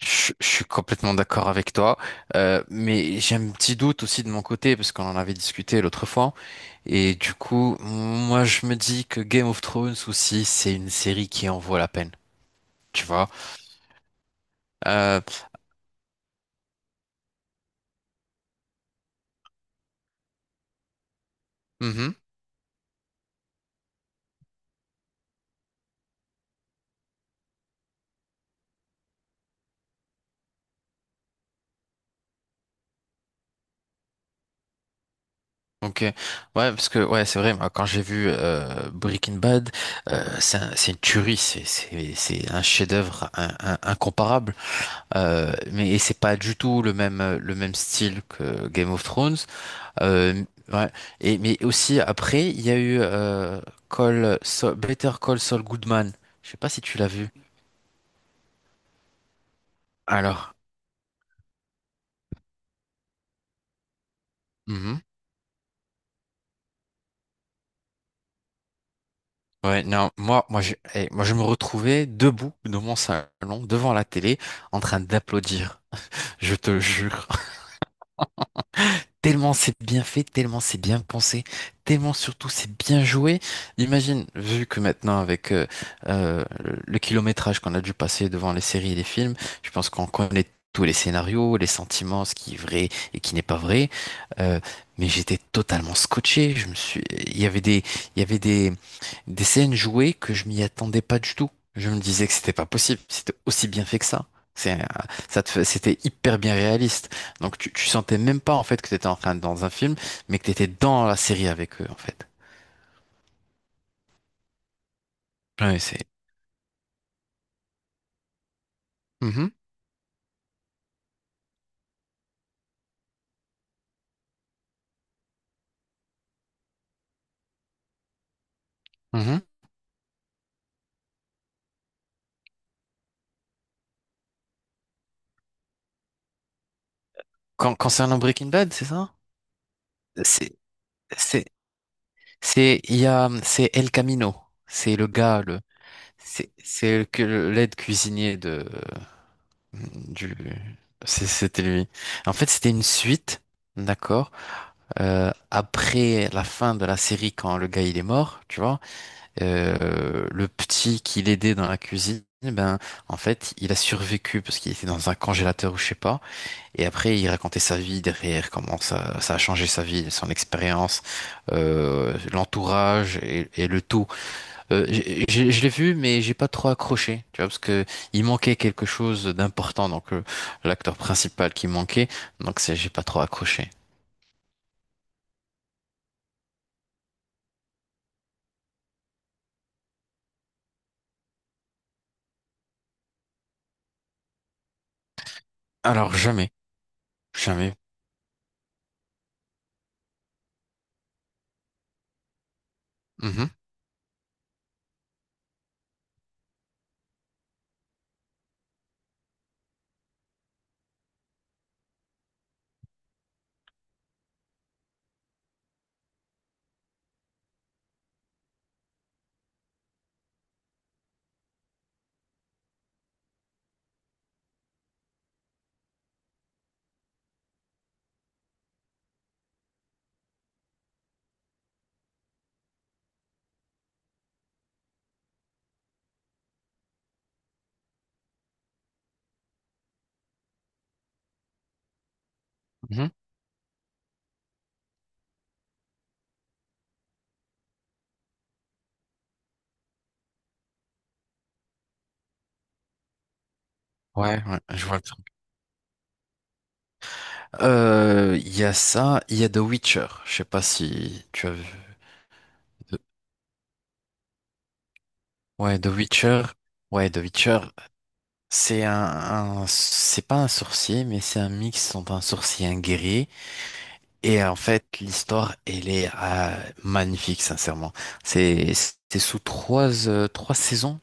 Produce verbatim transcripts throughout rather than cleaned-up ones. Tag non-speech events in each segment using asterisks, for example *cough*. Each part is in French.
Je, je suis complètement d'accord avec toi, euh, mais j'ai un petit doute aussi de mon côté parce qu'on en avait discuté l'autre fois. Et du coup, moi je me dis que Game of Thrones aussi, c'est une série qui en vaut la peine, tu vois. Euh, mhm, ok, ouais, parce que ouais, c'est vrai. Moi, quand j'ai vu euh, Breaking Bad, euh, c'est un- c'est une tuerie, c'est c'est c'est un chef-d'œuvre in- in- incomparable. Euh, mais et c'est pas du tout le même le même style que Game of Thrones. Euh, ouais. Et, mais aussi, après, il y a eu euh, Call Saul- Better Call Saul Goodman. Je sais pas si tu l'as vu. Alors, mhm. Ouais, non, moi, moi, je, eh, moi, je me retrouvais debout dans mon salon, devant la télé, en train d'applaudir. Je te jure. Tellement c'est bien fait, tellement c'est bien pensé, tellement surtout c'est bien joué. Imagine, vu que maintenant avec euh, euh, le le kilométrage qu'on a dû passer devant les séries et les films, je pense qu'on connaît tous les scénarios, les sentiments, ce qui est vrai et qui n'est pas vrai. Euh, mais j'étais totalement scotché. Je me suis, il y avait des, il y avait des, des scènes jouées que je m'y attendais pas du tout. Je me disais que c'était pas possible. C'était aussi bien fait que ça. C'est, un- ça te fait- C'était hyper bien réaliste. Donc tu, tu sentais même pas, en fait, que t'étais en train de- dans un film, mais que t'étais dans la série avec eux, en fait. Ouais, c'est. Mhm, mhm. Con- concernant Breaking Bad, c'est ça? C'est, c'est, c'est, il y a, c'est El Camino. C'est le gars, le, c'est, c'est le, que le- l'aide cuisinier de, du, c'est- c'était lui. En fait, c'était une suite, d'accord? Euh, après la fin de la série, quand le gars il est mort, tu vois? Euh, le petit qui l'aidait dans la cuisine, ben, en fait, il a survécu parce qu'il était dans un congélateur, ou je sais pas. Et après, il racontait sa vie derrière, comment ça, ça a changé sa vie, son expérience, euh, l'entourage et, et le tout. Euh, j'ai- j'ai- je l'ai vu, mais j'ai pas trop accroché, tu vois, parce que il manquait quelque chose d'important, donc euh, l'acteur principal qui manquait, donc c'est j'ai pas trop accroché. Alors, jamais, jamais. Mhm, mhm. Ouais, ouais, je vois. Euh, Il y a ça, il y a The Witcher. Je sais pas si tu as vu. The- Ouais, The Witcher. Ouais, The Witcher. C'est un, un- c'est pas un sorcier, mais c'est un mix entre un sorcier et un guerrier. Et en fait, l'histoire, elle est euh, magnifique, sincèrement. C'est, c'est sous trois, euh, trois saisons.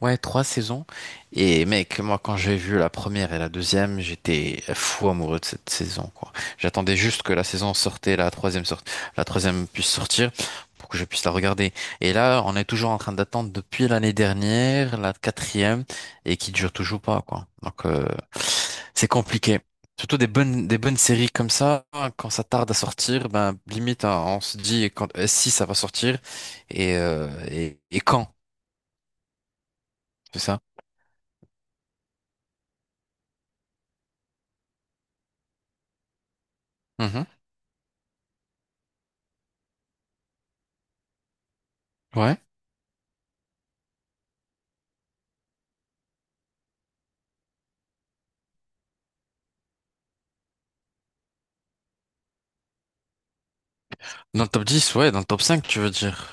Ouais, trois saisons. Et mec, moi, quand j'ai vu la première et la deuxième, j'étais fou amoureux de cette saison, quoi. J'attendais juste que la saison sortait, la troisième sorte, la troisième puisse sortir pour que je puisse la regarder. Et là, on est toujours en train d'attendre depuis l'année dernière, la quatrième, et qui dure toujours pas, quoi. Donc, euh, c'est compliqué. Surtout des bonnes, des bonnes séries comme ça, hein, quand ça tarde à sortir, ben, limite, hein, on se dit quand, euh, si ça va sortir et, euh, et, et quand, c'est ça? Mhm. Ouais. Dans le top dix, ouais, dans le top cinq, tu veux dire.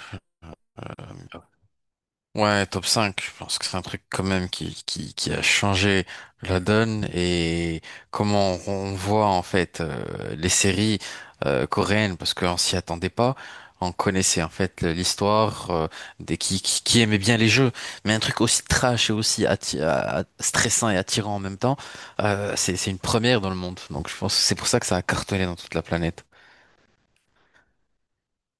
Ouais, top cinq. Je pense que c'est un truc quand même qui, qui, qui a changé la donne et comment on on voit en fait euh, les séries euh, coréennes parce qu'on s'y attendait pas. On connaissait en fait l'histoire euh, des qui, qui, qui aimait bien les jeux, mais un truc aussi trash et aussi atti- à- à- stressant et attirant en même temps, euh, c'est, c'est une première dans le monde. Donc je pense que c'est pour ça que ça a cartonné dans toute la planète.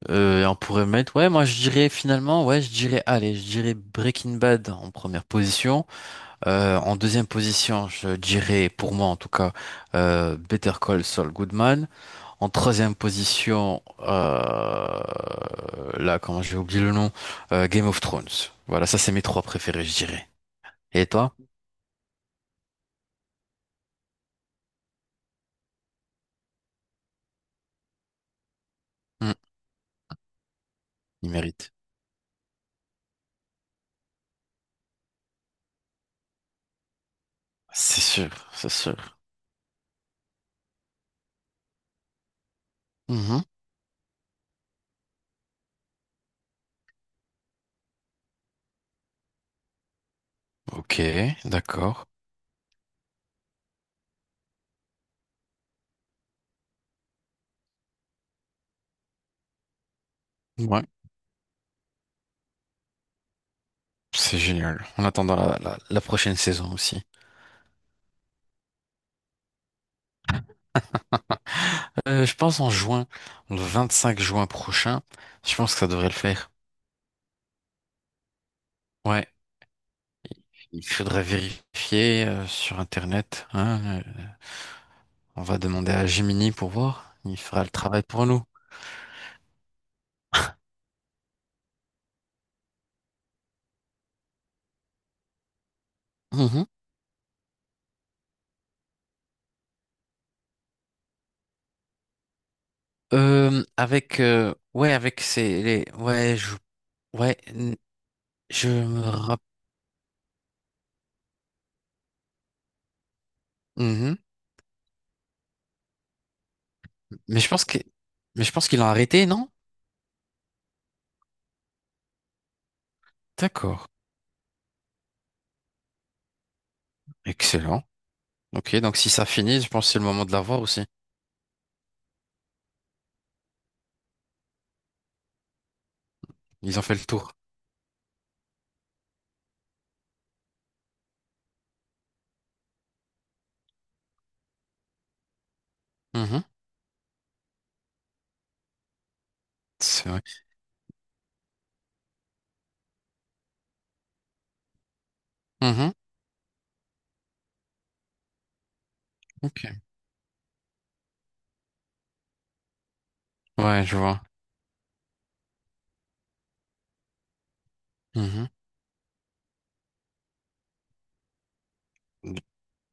Euh, et on pourrait mettre, ouais, moi je dirais finalement, ouais, je dirais, allez, je dirais Breaking Bad en première position. Euh, en deuxième position, je dirais, pour moi en tout cas, euh, Better Call Saul Goodman. En troisième position, euh, là, comment j'ai oublié le nom, euh, Game of Thrones. Voilà, ça c'est mes trois préférés, je dirais. Et toi? Hmm, il mérite. C'est sûr, c'est sûr. Mhm. Ok, d'accord. Ouais, c'est génial. En attendant la, la la prochaine saison aussi. Euh, je pense en juin, le vingt-cinq juin prochain, je pense que ça devrait le faire. Ouais, il faudrait vérifier euh, sur Internet. Hein, euh, on va demander à Gemini pour voir. Il fera le travail pour nous. Mhm. Euh, avec euh, ouais, avec ces les, ouais, je, ouais, n- je me rappelle, mais je pense que mais je pense qu'ils l'ont arrêté, non? D'accord. Excellent. Ok, donc si ça finit, je pense que c'est le moment de la voir aussi. Ils ont fait le tour. Mhm. C'est vrai. Mhm. Ok. Ouais, je vois. Mhm.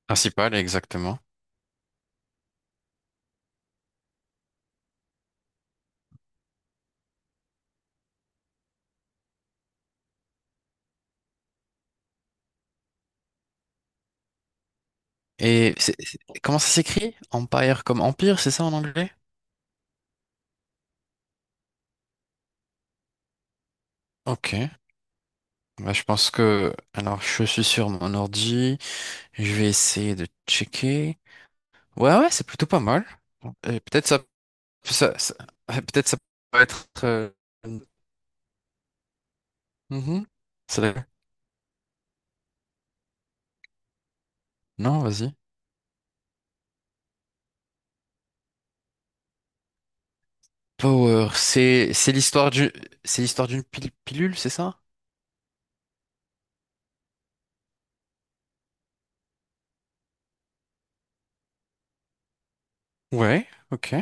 Principal, exactement. Et c'est- c'est- comment ça s'écrit? Empire comme empire, c'est ça en anglais? Ok. Bah, je pense que... Alors, je suis sur mon ordi. Je vais essayer de checker. Ouais, ouais, c'est plutôt pas mal. Et peut-être ça, ça, ça- *laughs* ouais, peut-être ça peut être... euh, mhm. Ça doit- Non, vas-y. Power, c'est c'est l'histoire du c'est l'histoire d'une pil- pilule, c'est ça? Ouais, ok.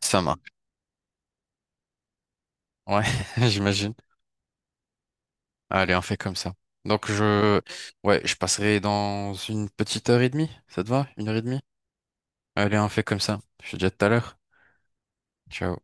Ça marche. Ouais, *laughs* j'imagine. Allez, on fait comme ça. Donc je, ouais, je passerai dans une petite heure et demie. Ça te va? Une heure et demie? Allez, on fait comme ça. Je te dis à tout à l'heure. Ciao.